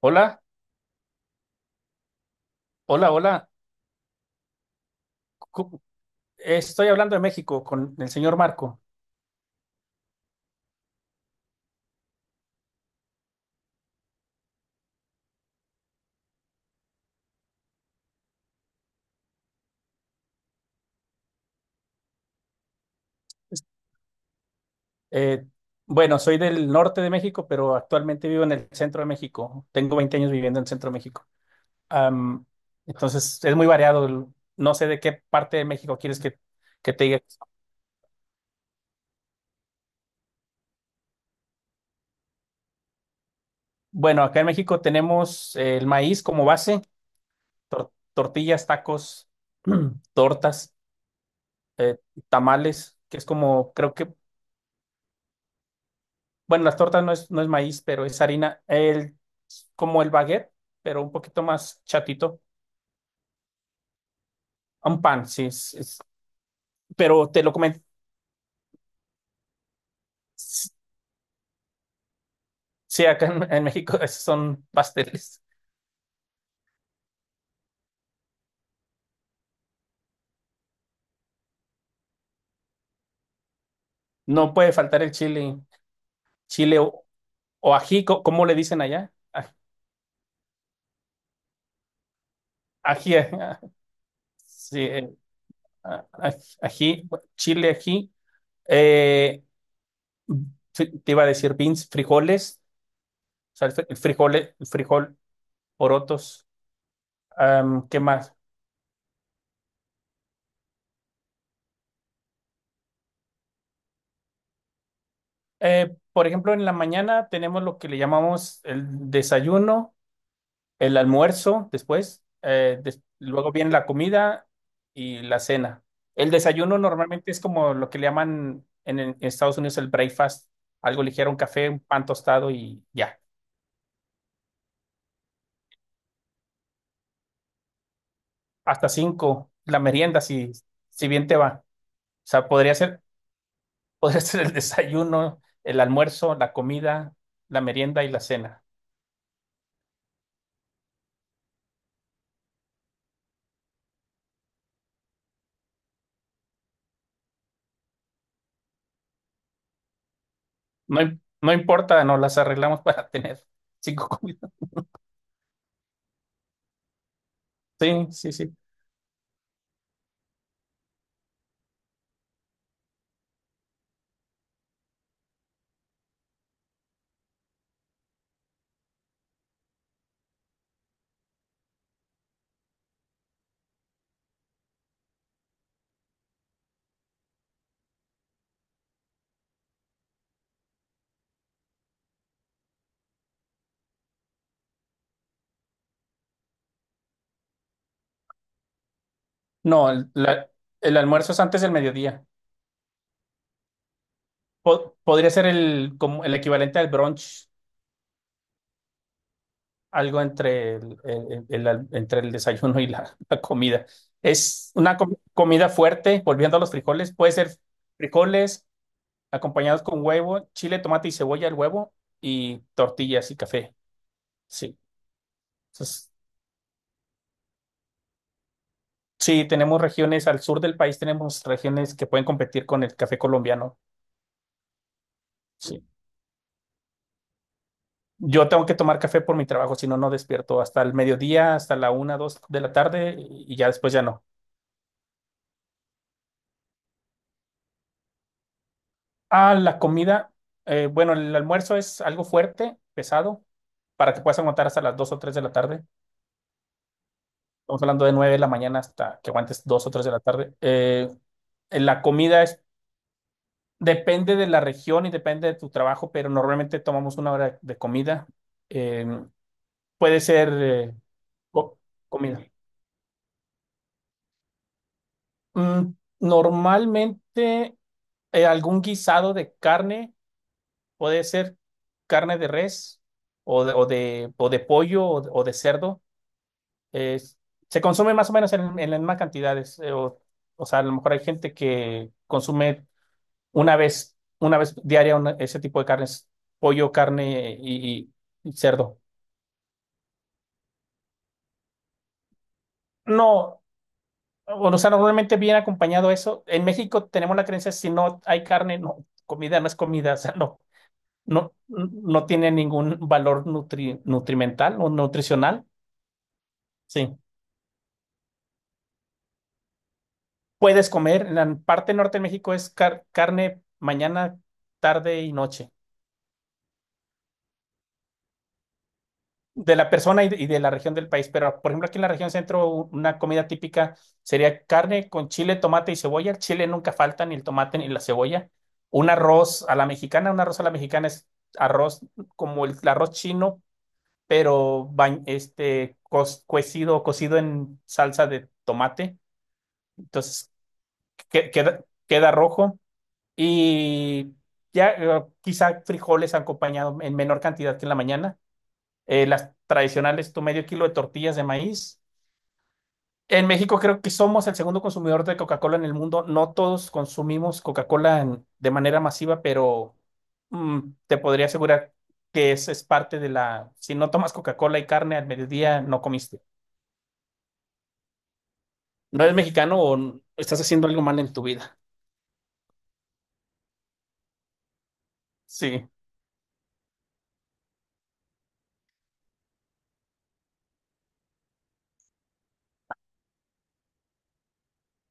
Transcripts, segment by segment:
Hola, hola, hola. Cu- Estoy hablando de México con el señor Marco. Eh, bueno, soy del norte de México, pero actualmente vivo en el centro de México. Tengo 20 años viviendo en el centro de México. Am, entonces, es muy variado. No sé de qué parte de México quieres que te diga. Bueno, acá en México tenemos el maíz como base, tortillas, tacos, tortas, eh, tamales, que es como, creo que. Bueno, las tortas no es maíz, pero es harina. El, como el baguette, pero un poquito más chatito. Un pan, sí. Pero te lo comen. Sí, acá en México esos son pasteles. No puede faltar el chile. Chile o ají, ¿cómo le dicen allá? Ají. Sí, ají, chile, ají. Eh, fri- te iba a decir beans, frijoles. O sea, el frijole, el frijol, porotos. ¿Qué más? Por ejemplo, en la mañana tenemos lo que le llamamos el desayuno, el almuerzo después, luego viene la comida y la cena. El desayuno normalmente es como lo que le llaman en Estados Unidos el breakfast, algo ligero, un café, un pan tostado y ya. Hasta cinco, la merienda, si bien te va. O sea, podría ser, podría ser el desayuno, el almuerzo, la comida, la merienda y la cena. No, no importa, nos las arreglamos para tener cinco comidas. Sí, sí, sí. No, el almuerzo es antes del mediodía. Podría ser el, como el equivalente al brunch, algo entre el- entre el desayuno y la comida. Es una comida fuerte, volviendo a los frijoles, puede ser frijoles acompañados con huevo, chile, tomate y cebolla, el huevo, y tortillas y café. Sí. Entonces, sí, tenemos regiones, al sur del país tenemos regiones que pueden competir con el café colombiano. Sí. Yo tengo que tomar café por mi trabajo, si no, no despierto hasta el mediodía, hasta la 1, 2 de la tarde y ya después ya no. Ah, la comida, bueno, el almuerzo es algo fuerte, pesado, para que puedas aguantar hasta las 2 o 3 de la tarde. Estamos hablando de 9 de la mañana hasta que aguantes 2 o 3 de la tarde. La comida es, depende de la región y depende de tu trabajo, pero normalmente tomamos una hora de comida. Eh, puede ser co- comida. Mm, normalmente. Algún guisado de carne, puede ser carne de res o de pollo o de cerdo. es- se consume más o menos en las mismas cantidades. O sea, a lo mejor hay gente que consume una vez diaria ese tipo de carnes, pollo, carne y cerdo. No, o sea, normalmente viene acompañado eso. En México tenemos la creencia, si no hay carne, no, comida no es comida, o sea, no. No, no tiene ningún valor nutrimental o nutricional. Sí. Puedes comer, en la parte norte de México es carne mañana, tarde y noche, de la persona y de la región del país. Pero, por ejemplo, aquí en la región centro, una comida típica sería carne con chile, tomate y cebolla. El chile nunca falta, ni el tomate ni la cebolla. Un arroz a la mexicana, un arroz a la mexicana es arroz como el arroz chino, pero este, cocido en salsa de tomate. Entonces, queda rojo y ya quizá frijoles acompañado en menor cantidad que en la mañana. Las tradicionales, tu medio kilo de tortillas de maíz. En México creo que somos el segundo consumidor de Coca-Cola en el mundo. No todos consumimos Coca-Cola de manera masiva, pero mm, te podría asegurar que es parte de la... Si no tomas Coca-Cola y carne al mediodía, no comiste. ¿No eres mexicano o estás haciendo algo mal en tu vida? Sí.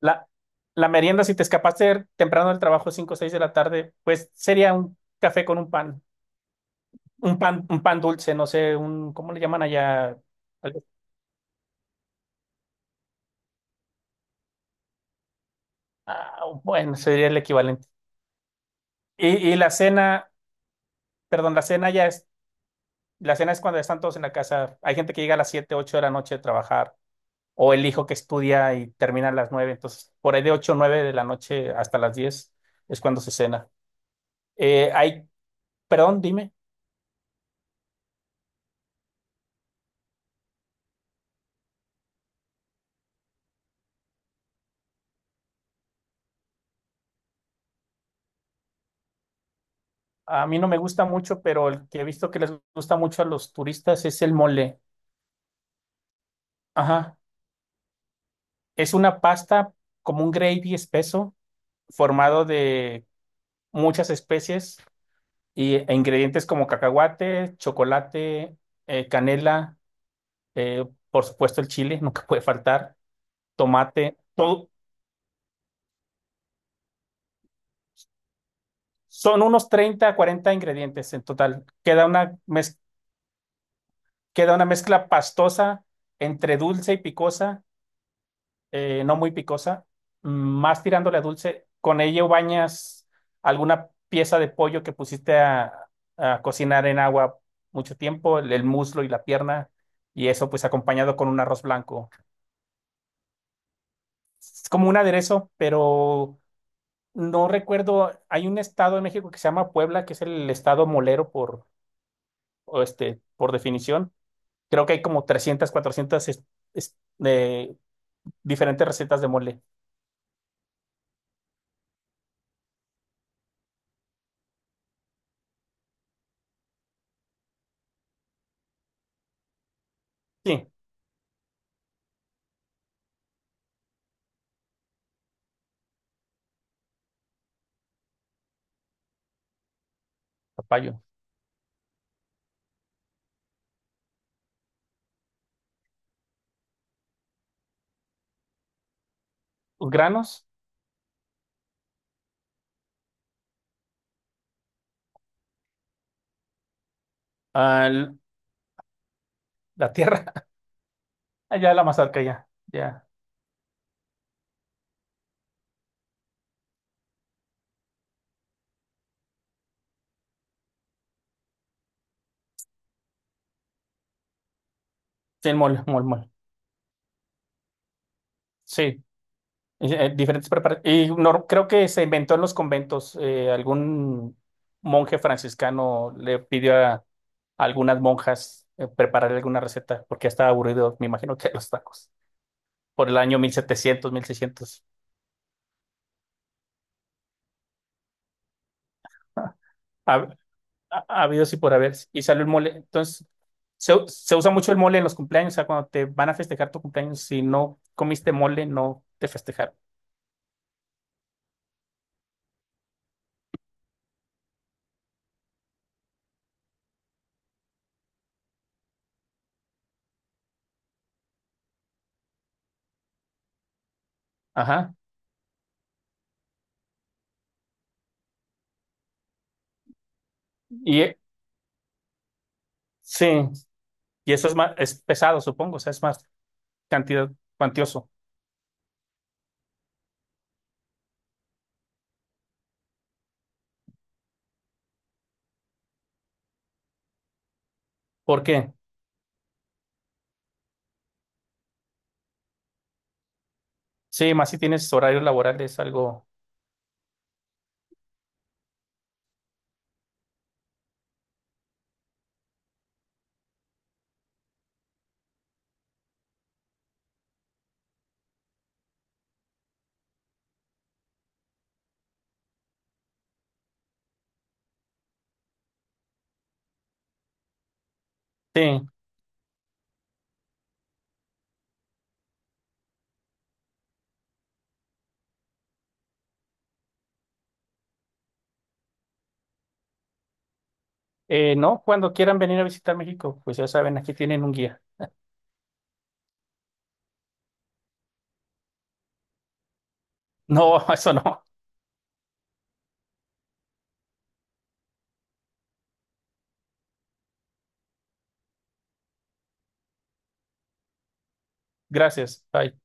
La, la merienda, si te escapaste temprano del trabajo, 5 o 6 de la tarde, pues sería un café con un pan, un pan dulce, no sé, un, ¿cómo le llaman allá? Algo- bueno, sería el equivalente. Y la cena, perdón, la cena es cuando están todos en la casa. Hay gente que llega a las 7, 8 de la noche de trabajar, o el hijo que estudia y termina a las 9, entonces por ahí de 8, 9 de la noche hasta las 10 es cuando se cena. Eh, hay, Perdón, dime. A mí no me gusta mucho, pero el que he visto que les gusta mucho a los turistas es el mole. Ajá. Es una pasta como un gravy espeso, formado de muchas especies e ingredientes como cacahuate, chocolate, canela, eh, por supuesto el chile, nunca puede faltar, tomate. Todo, son unos 30 a 40 ingredientes en total. Queda una mezcla pastosa entre dulce y picosa, no muy picosa, más tirándole a dulce. Con ello bañas alguna pieza de pollo que pusiste a, cocinar en agua mucho tiempo, el muslo y la pierna, y eso pues acompañado con un arroz blanco. Es como un aderezo, pero no recuerdo, hay un estado en México que se llama Puebla, que es el estado molero por, o este, por definición. Creo que hay como 300, 400 es- eh, diferentes recetas de mole. Sí, papayo. Granos. Ah, la tierra, allá la mazorca, ya, ya. Sí, el mol. Sí, y, diferentes preparaciones. Y no, creo que se inventó en los conventos. Algún monje franciscano le pidió a algunas monjas preparar alguna receta porque ya estaba aburrido, me imagino que de los tacos, por el año 1700, 1600. Ha, Ha habido sí por haber. Y salió el mole. Entonces, se usa mucho el mole en los cumpleaños. O sea, cuando te van a festejar tu cumpleaños, si no comiste mole, no te festejaron. Ajá. Y eh, sí, y eso es más, es pesado, supongo, o sea, es más cantidad, cuantioso. ¿Por qué? Sí, más si tienes horario laboral, es algo. Sí. No, cuando quieran venir a visitar México, pues ya saben, aquí tienen un guía. No, eso no. Gracias. Bye.